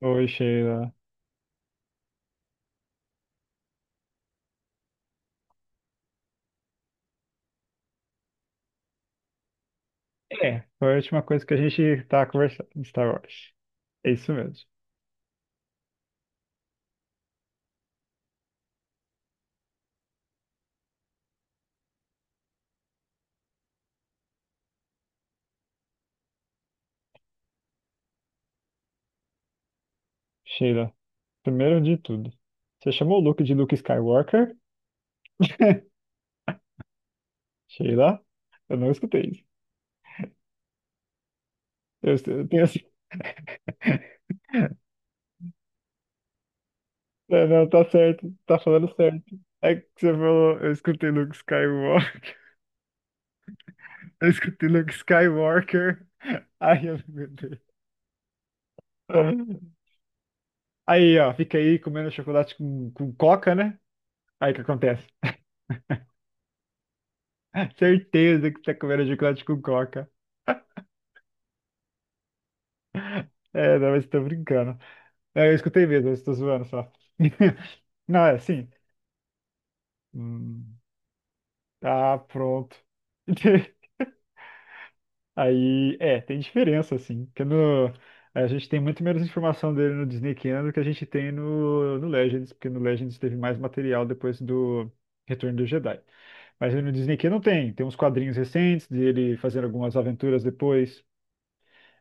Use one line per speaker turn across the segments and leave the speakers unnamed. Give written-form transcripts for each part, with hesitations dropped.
Oi, Sheila. É, foi a última coisa que a gente tá conversando de Star Wars. É isso mesmo. Sheila, primeiro de tudo, você chamou o Luke de Luke Skywalker? Sheila, eu não escutei isso. Eu tenho assim. Não, não, tá certo, tá falando certo. É que você falou, eu escutei Luke Skywalker. Eu escutei Luke Skywalker. Ai, eu não aguentei. Aí, ó, fica aí comendo chocolate com coca, né? Aí o que acontece? Certeza que você tá comendo chocolate com coca. É, não, mas tô brincando. É, eu escutei mesmo, eu estou zoando só. Não, é assim. Hum, tá pronto. Aí, é, tem diferença, assim. Porque no, a gente tem muito menos informação dele no Disney Channel do que a gente tem no Legends, porque no Legends teve mais material depois do Retorno do Jedi. Mas no Disney Channel tem uns quadrinhos recentes dele fazendo algumas aventuras depois.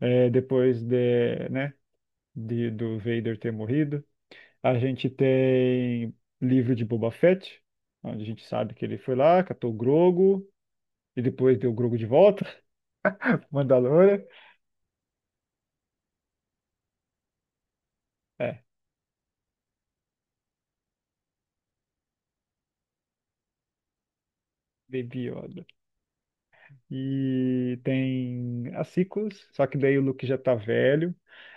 É, depois de, né, do Vader ter morrido. A gente tem livro de Boba Fett, onde a gente sabe que ele foi lá, catou o Grogu, e depois deu o Grogu de volta, Mandalorian. É, Baby Yoda. E tem as sequels, só que daí o Luke já tá velho.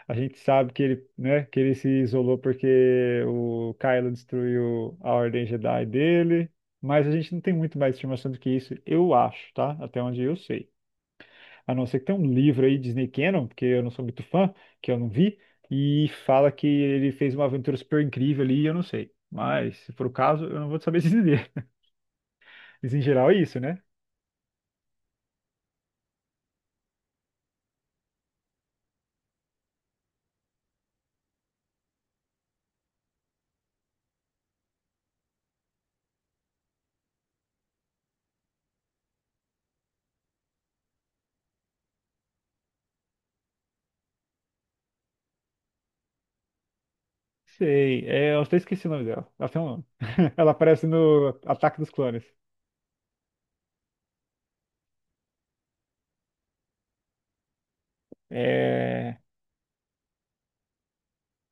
A gente sabe que ele, né, que ele se isolou porque o Kylo destruiu a Ordem Jedi dele. Mas a gente não tem muito mais informação do que isso, eu acho, tá? Até onde eu sei. A não ser que tenha um livro aí, Disney Canon, porque eu não sou muito fã, que eu não vi, e fala que ele fez uma aventura super incrível ali, eu não sei. Mas, se for o caso, eu não vou saber dizer. Mas, em geral, é isso, né? Sei, é, eu até esqueci o nome dela. Ela tem um nome. Ela aparece no Ataque dos Clones. É.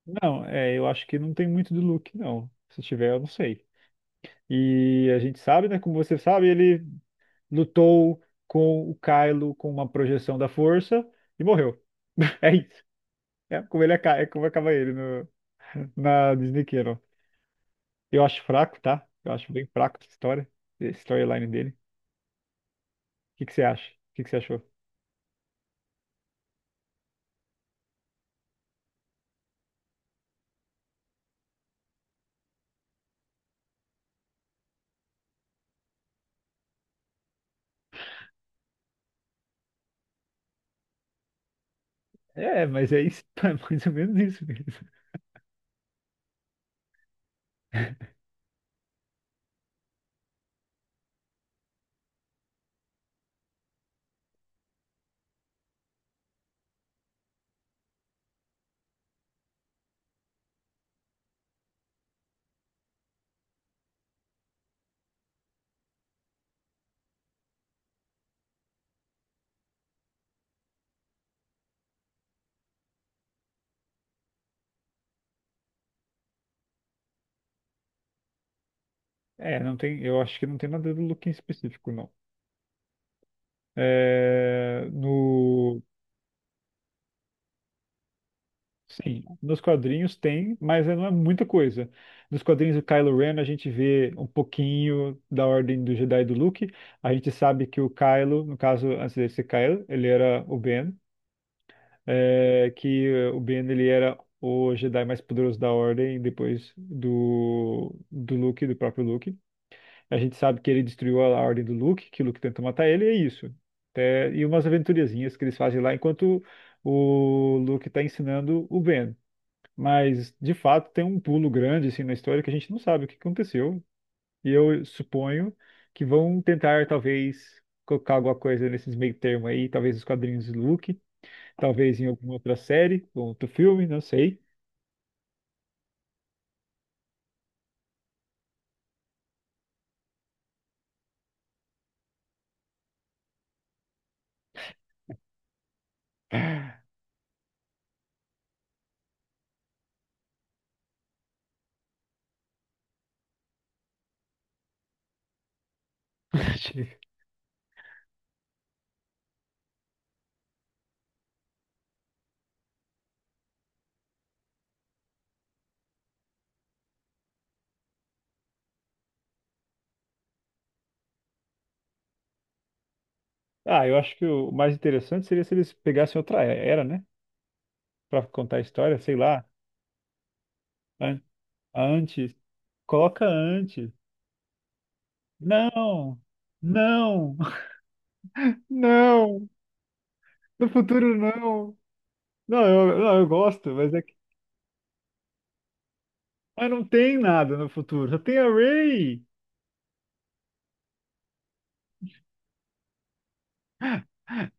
Não, é, eu acho que não tem muito do Luke, não. Se tiver, eu não sei. E a gente sabe, né? Como você sabe, ele lutou com o Kylo com uma projeção da força e morreu. É isso. É como ele acaba, é como acaba ele no, na Disney Channel. Eu acho fraco, tá? Eu acho bem fraco essa história, essa storyline dele. O que que você acha? O que que você achou? É, mas é isso, é mais ou menos isso mesmo. É, não tem, eu acho que não tem nada do Luke em específico, não. É, no, sim, nos quadrinhos tem, mas não é muita coisa. Nos quadrinhos do Kylo Ren a gente vê um pouquinho da Ordem do Jedi e do Luke. A gente sabe que o Kylo, no caso, antes dele ser Kylo, ele era o Ben. É, que o Ben ele era o Jedi mais poderoso da Ordem depois do Luke, do próprio Luke. A gente sabe que ele destruiu a Ordem do Luke, que o Luke tentou matar ele, e é isso. É, e umas aventuriazinhas que eles fazem lá enquanto o Luke está ensinando o Ben. Mas, de fato, tem um pulo grande assim na história que a gente não sabe o que aconteceu. E eu suponho que vão tentar, talvez, colocar alguma coisa nesses meio termo aí, talvez os quadrinhos do Luke talvez em alguma outra série, ou outro filme, não sei. Ah, eu acho que o mais interessante seria se eles pegassem outra era, né? Pra contar a história, sei lá, an- antes. Coloca antes. Não, não, não, no futuro não. Não, não, eu gosto, mas é que. Mas não tem nada no futuro, só tem a Ray.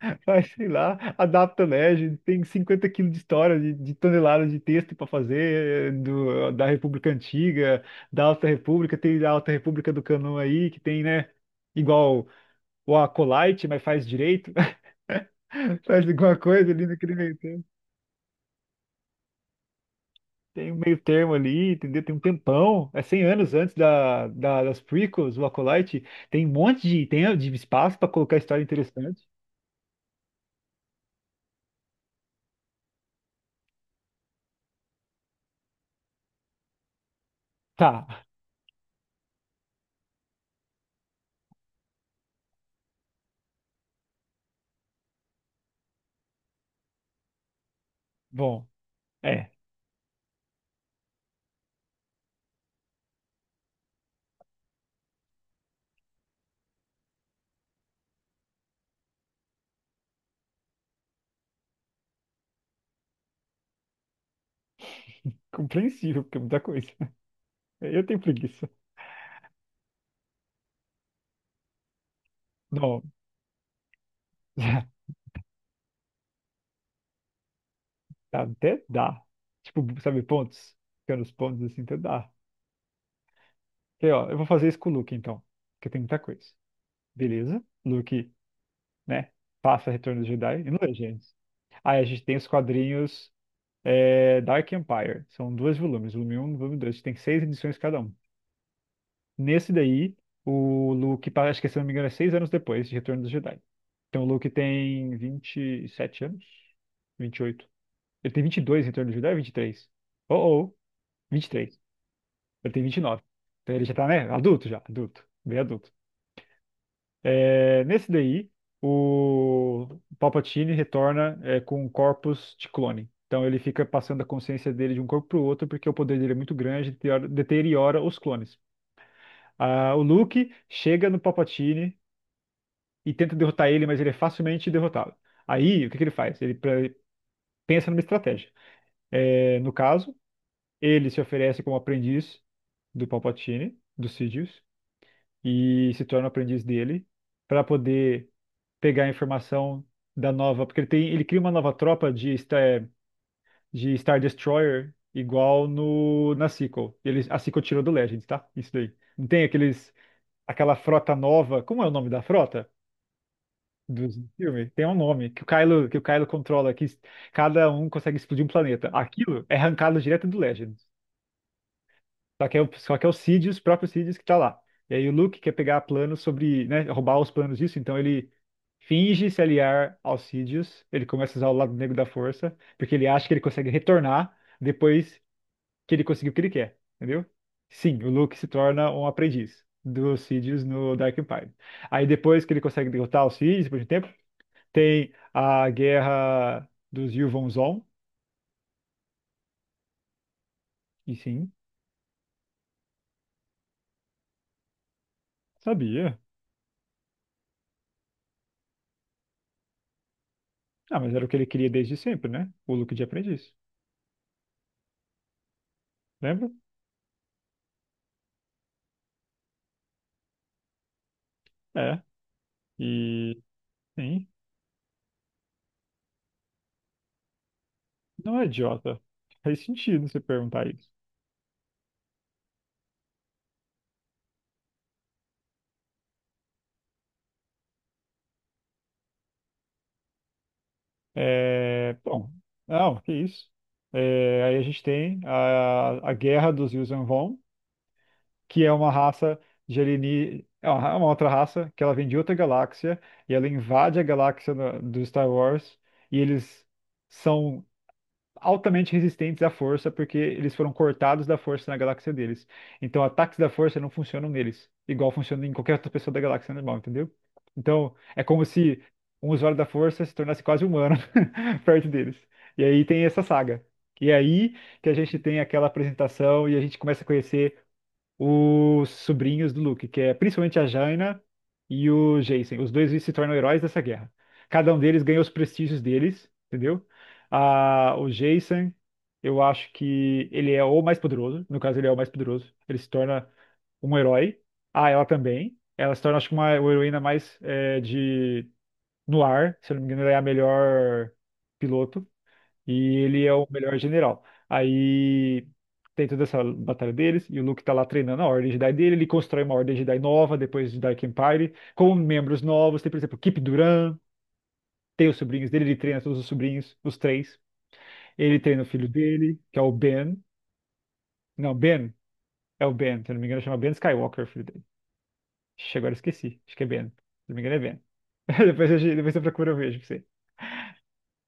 Vai, sei lá, adapta, né? A gente tem 50 quilos de história, de toneladas de texto para fazer da República Antiga, da Alta República, tem a Alta República do Canon aí, que tem, né? Igual o Acolyte, mas faz direito, faz alguma coisa ali naquele meio termo. Tem um meio termo ali, entendeu? Tem um tempão, é 100 anos antes das prequels, o Acolyte. Tem um monte de, tem, de espaço para colocar história interessante. Tá, bom, é compreensível, porque é muita coisa. Eu tenho preguiça. Não, até dá. Tipo, sabe, pontos? Ficando os pontos assim, até dá. Ok, ó, eu vou fazer isso com o Luke, então. Porque tem muita coisa. Beleza. Luke, né? Passa Retorno do Jedi e não é, gente. Aí a gente tem os quadrinhos é, Dark Empire. São 2 volumes, volume 1, e volume 2. A gente tem 6 edições cada um. Nesse daí, o Luke, acho que se eu não me engano, é 6 anos depois de Retorno do Jedi. Então o Luke tem 27 anos? 28. Ele tem 22 em Retorno do Jedi ou 23? Oh, oh. 23. Ele tem 29. Então ele já tá, né? Adulto já, adulto, bem adulto. É, nesse daí, o Palpatine retorna com um corpus de clone. Então ele fica passando a consciência dele de um corpo pro outro, porque o poder dele é muito grande, deteriora os clones. Ah, o Luke chega no Palpatine e tenta derrotar ele, mas ele é facilmente derrotado. Aí, o que que ele faz? Ele pensa numa estratégia. É, no caso, ele se oferece como aprendiz do Palpatine, do Sidious, e se torna o aprendiz dele para poder pegar a informação da nova, porque ele tem, ele cria uma nova tropa de Star Destroyer igual no na sequel. Ele, a sequel tirou do Legends, tá? Isso daí. Não tem aqueles aquela frota nova, como é o nome da frota? Do filme, tem um nome que o Kylo controla, que cada um consegue explodir um planeta. Aquilo é arrancado direto do Legends. Só que é o Sidious, o próprio Sidious que tá lá. E aí o Luke quer pegar planos sobre, né, roubar os planos disso, então ele finge se aliar ao Sidious, ele começa a usar o lado negro da força, porque ele acha que ele consegue retornar depois que ele conseguiu o que ele quer, entendeu? Sim, o Luke se torna um aprendiz do Sidious no Dark Empire. Aí depois que ele consegue derrotar o Sidious, depois de um tempo, tem a guerra dos Yuvon Zon, e sim, sabia. Ah, mas era o que ele queria desde sempre, né? O Luke de aprendiz. Lembra? É, e sim, não é idiota. Faz sentido você perguntar isso. É, bom, não, que isso. É, aí a gente tem a guerra dos Yuuzhan Vong, que é uma raça de é uma outra raça que ela vem de outra galáxia e ela invade a galáxia do Star Wars e eles são altamente resistentes à força, porque eles foram cortados da força na galáxia deles. Então, ataques da força não funcionam neles, igual funciona em qualquer outra pessoa da galáxia normal, entendeu? Então, é como se um usuário da força se tornasse quase humano perto deles. E aí tem essa saga. E aí que a gente tem aquela apresentação e a gente começa a conhecer os sobrinhos do Luke, que é principalmente a Jaina e o Jason. Os dois se tornam heróis dessa guerra. Cada um deles ganha os prestígios deles, entendeu? Ah, o Jason, eu acho que ele é o mais poderoso. No caso, ele é o mais poderoso. Ele se torna um herói. Ah, ela também. Ela se torna, acho que, uma heroína mais de no ar. Se eu não me engano, ela é a melhor piloto. E ele é o melhor general. Aí tem toda essa batalha deles, e o Luke tá lá treinando a Ordem Jedi dele, ele constrói uma Ordem Jedi nova depois de Dark Empire, com membros novos, tem, por exemplo, Kip Duran, tem os sobrinhos dele, ele treina todos os sobrinhos, os três. Ele treina o filho dele, que é o Ben. Não, Ben, é o Ben, se eu não me engano, chama Ben Skywalker, o filho dele. Ixi, agora eu esqueci, acho que é Ben. Se eu não me engano, é Ben. Depois eu procuro, eu vejo.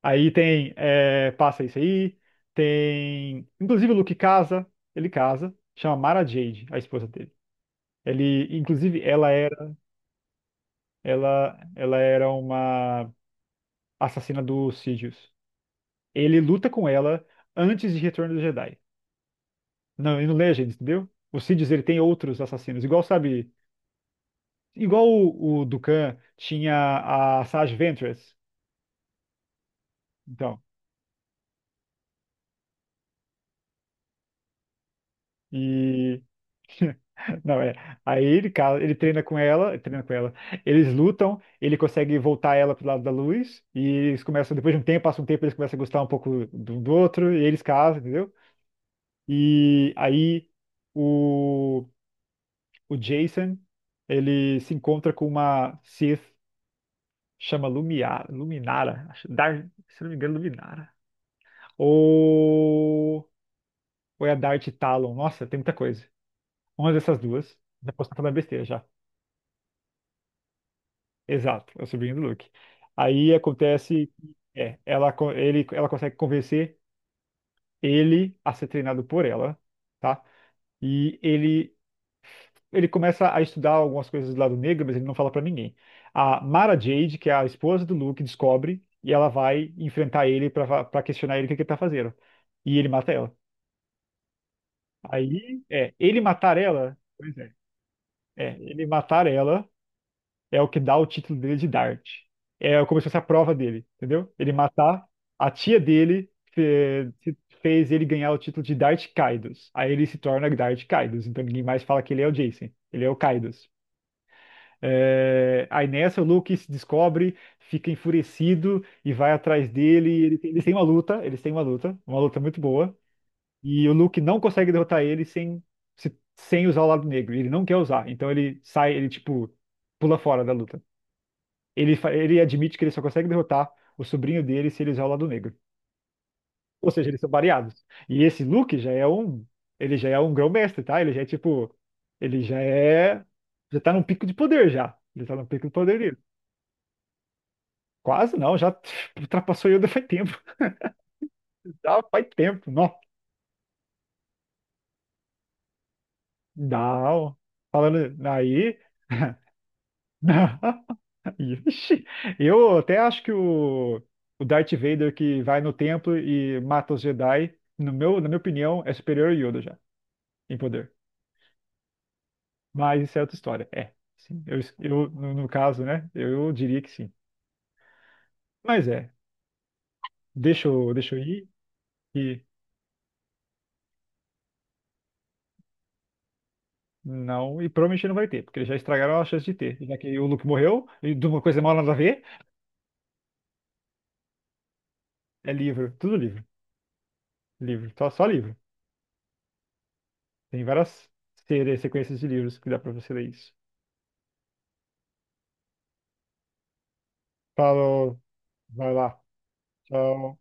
Aí tem, é, passa isso aí, tem, inclusive o Luke casa, ele casa, chama Mara Jade, a esposa dele. Ele, inclusive, ela era uma assassina do Sidious. Ele luta com ela antes de Retorno do Jedi. Não, e no Legends, entendeu? O Sidious, ele tem outros assassinos, igual, sabe, igual o Dukan tinha a Sage Ventress. Então, E. Não, é. Aí ele, cara, ele treina com ela, ele treina com ela. Eles lutam, ele consegue voltar ela pro lado da luz, e eles começam, depois de um tempo, passa um tempo, eles começam a gostar um pouco do outro, e eles casam, entendeu? E aí o, o Jason, ele se encontra com uma Sith, chama Lumiar, Luminara, se não me engano, Luminara. Ou, ou é a Darth Talon, nossa, tem muita coisa. Uma dessas duas, já posso estar falando besteira já. Exato, é o sobrinho do Luke. Aí acontece que ela consegue convencer ele a ser treinado por ela, tá? E ele começa a estudar algumas coisas do lado negro, mas ele não fala pra ninguém. A Mara Jade, que é a esposa do Luke, descobre e ela vai enfrentar ele pra questionar ele o que que ele tá fazendo. E ele mata ela. Aí, é, ele matar ela, pois é, ele matar ela é o que dá o título dele de Dart. É como se fosse a prova dele, entendeu? Ele matar a tia dele fez ele ganhar o título de Dart Kaidos. Aí ele se torna Dart Kaidos, então ninguém mais fala que ele é o Jason, ele é o Kaidos. É, aí nessa o Luke se descobre, fica enfurecido e vai atrás dele. Eles têm uma luta, eles têm uma luta muito boa. E o Luke não consegue derrotar ele sem, sem usar o lado negro. Ele não quer usar, então ele sai, ele tipo pula fora da luta. Ele, ele admite que ele só consegue derrotar o sobrinho dele se ele usar o lado negro. Ou seja, eles são variados. E esse Luke já é um. Ele já é um grão-mestre, tá? Ele já é tipo. Ele já é. Já tá num pico de poder já. Ele tá no pico de poder dele. Quase não, já ultrapassou Yoda faz tempo. Já faz tempo, não. Não. Falando aí. Ixi, eu até acho que o Darth Vader que vai no templo e mata os Jedi, no meu, na minha opinião, é superior ao Yoda já. Em poder. Mas isso é outra história. É, sim. Eu no caso, né? Eu diria que sim. Mas é, deixa eu ir e não, e provavelmente não vai ter, porque eles já estragaram a chance de ter. Já que o Luke morreu, e de uma coisa mal nada a ver, é livro, tudo livro. Livro, só livro. Tem várias sequências de livros que dá pra você ler isso. Falou, vai lá. Tchau.